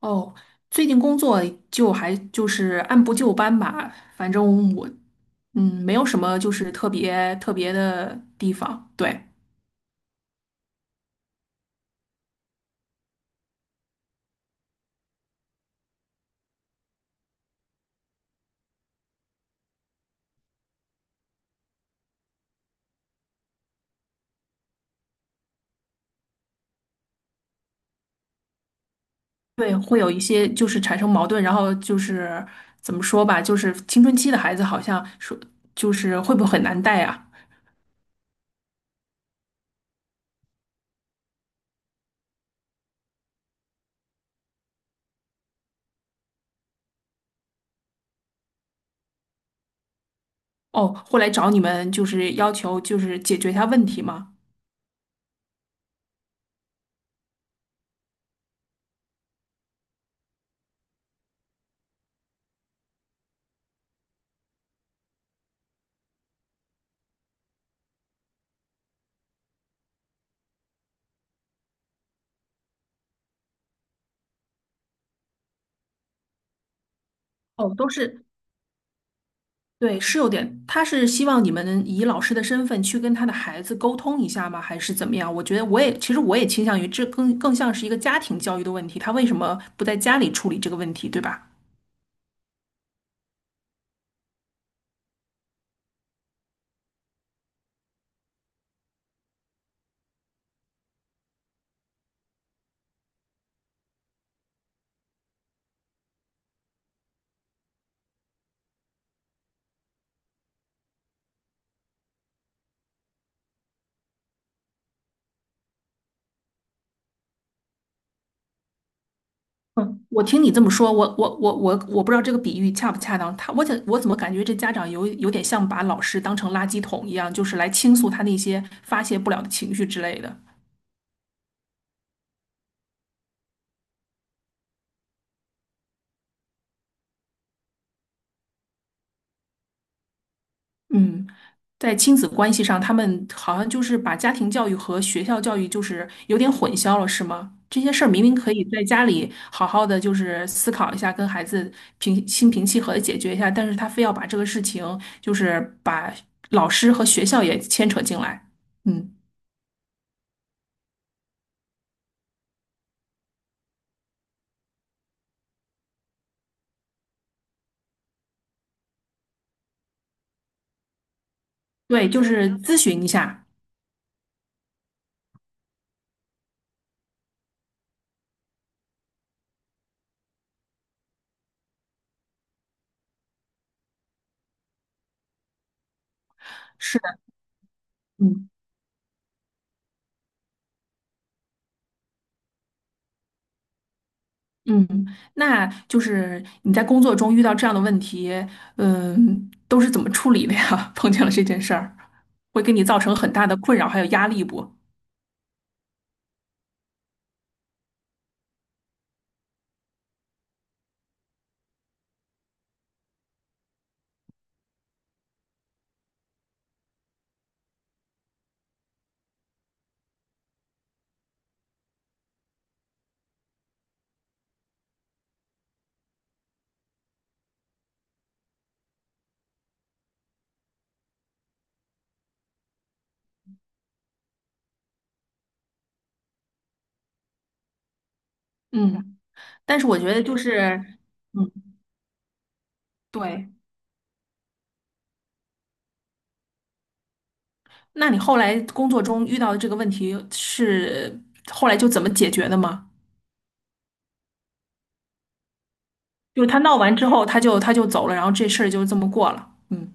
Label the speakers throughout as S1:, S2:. S1: 哦，最近工作就是按部就班吧，反正我没有什么就是特别的地方，对对，会有一些就是产生矛盾，然后就是怎么说吧，就是青春期的孩子好像说就是会不会很难带啊？哦，会来找你们就是要求就是解决一下问题吗？哦，都是对，是有点，他是希望你们以老师的身份去跟他的孩子沟通一下吗？还是怎么样？我觉得我也，其实我也倾向于这更像是一个家庭教育的问题，他为什么不在家里处理这个问题，对吧？嗯，我听你这么说，我不知道这个比喻恰不恰当。他我怎我怎么感觉这家长有点像把老师当成垃圾桶一样，就是来倾诉他那些发泄不了的情绪之类的。嗯，在亲子关系上，他们好像就是把家庭教育和学校教育就是有点混淆了，是吗？这些事儿明明可以在家里好好的就是思考一下，跟孩子平心平气和的解决一下，但是他非要把这个事情就是把老师和学校也牵扯进来。嗯，对，就是咨询一下。是的，嗯。嗯，那就是你在工作中遇到这样的问题，嗯，都是怎么处理的呀？碰见了这件事儿，会给你造成很大的困扰还有压力不？嗯，但是我觉得就是，嗯，对。那你后来工作中遇到的这个问题是后来就怎么解决的吗？就是他闹完之后，他就走了，然后这事儿就这么过了。嗯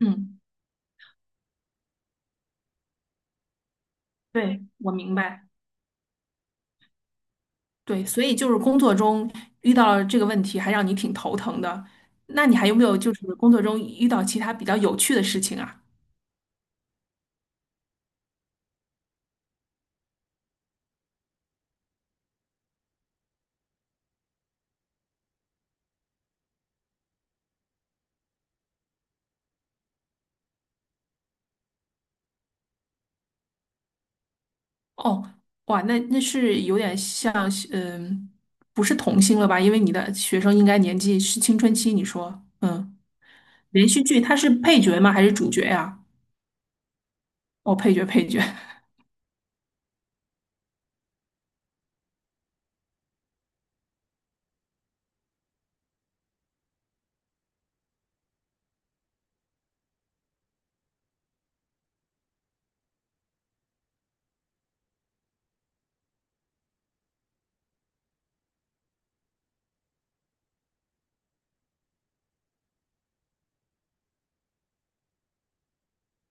S1: 嗯，对，我明白。对，所以就是工作中遇到了这个问题，还让你挺头疼的。那你还有没有就是工作中遇到其他比较有趣的事情啊？哦，哇，那是有点像是，嗯，不是童星了吧？因为你的学生应该年纪是青春期，你说，嗯，连续剧它是配角吗？还是主角呀？哦，配角，配角，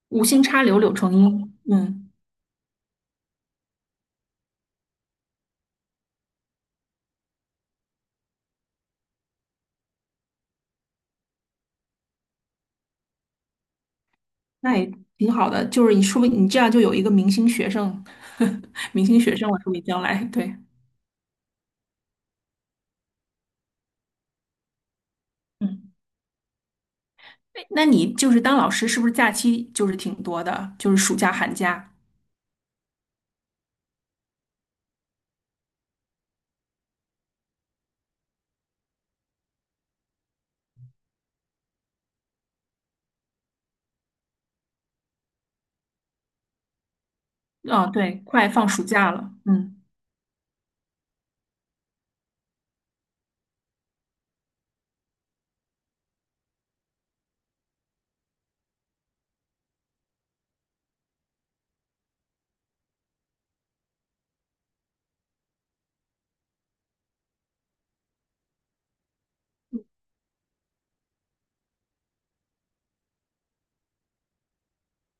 S1: 无心插柳柳成荫，嗯，那也挺好的。就是你说不定你这样就有一个明星学生，明星学生了，说不定将来对。嗯。那你就是当老师，是不是假期就是挺多的？就是暑假、寒假。啊，对，快放暑假了。嗯，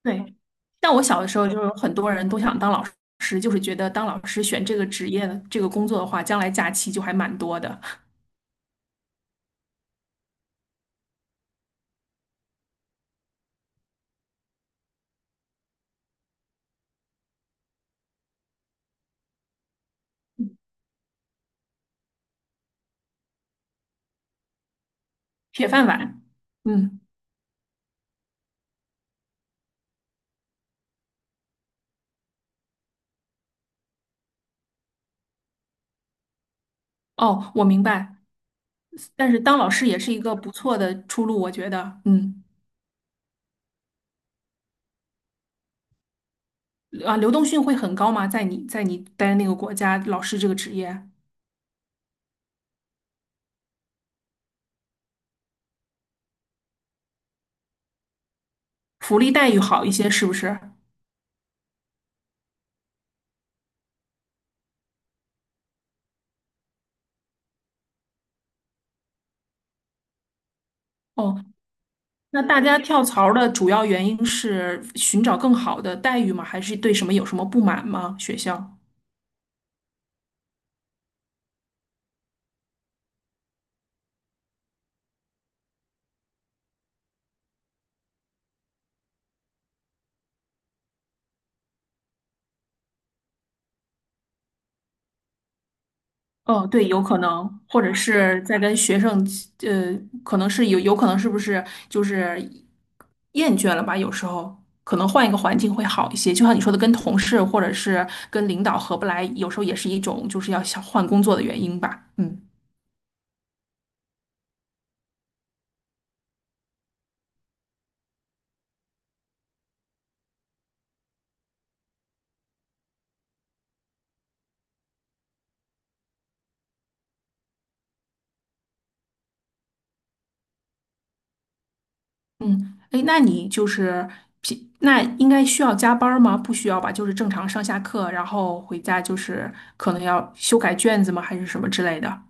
S1: 对。但我小的时候，就是有很多人都想当老师，就是觉得当老师选这个职业的这个工作的话，将来假期就还蛮多的，铁饭碗。嗯，哦，我明白。但是当老师也是一个不错的出路，我觉得。嗯，啊，流动性会很高吗？在你待的那个国家，老师这个职业，福利待遇好一些，是不是？哦，那大家跳槽的主要原因是寻找更好的待遇吗？还是对什么有什么不满吗？学校？哦，对，有可能，或者是在跟学生，呃，可能是有，有可能是不是就是厌倦了吧？有时候可能换一个环境会好一些。就像你说的，跟同事或者是跟领导合不来，有时候也是一种就是要想换工作的原因吧。嗯。嗯，哎，那你就是平，那应该需要加班儿吗？不需要吧，就是正常上下课，然后回家就是可能要修改卷子吗？还是什么之类的？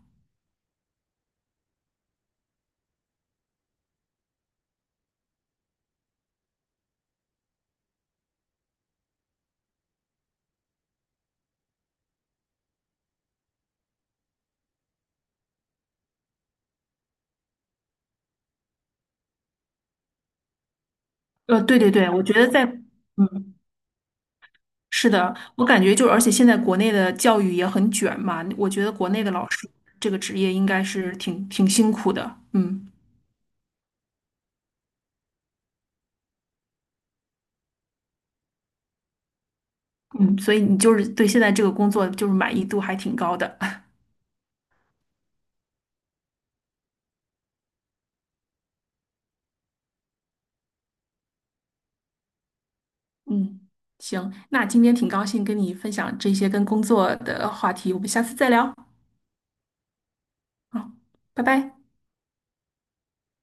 S1: 对对对，我觉得在，嗯，是的，我感觉就而且现在国内的教育也很卷嘛，我觉得国内的老师这个职业应该是挺辛苦的，嗯嗯，所以你就是对现在这个工作就是满意度还挺高的，嗯，行，那今天挺高兴跟你分享这些跟工作的话题，我们下次再聊。好，拜拜。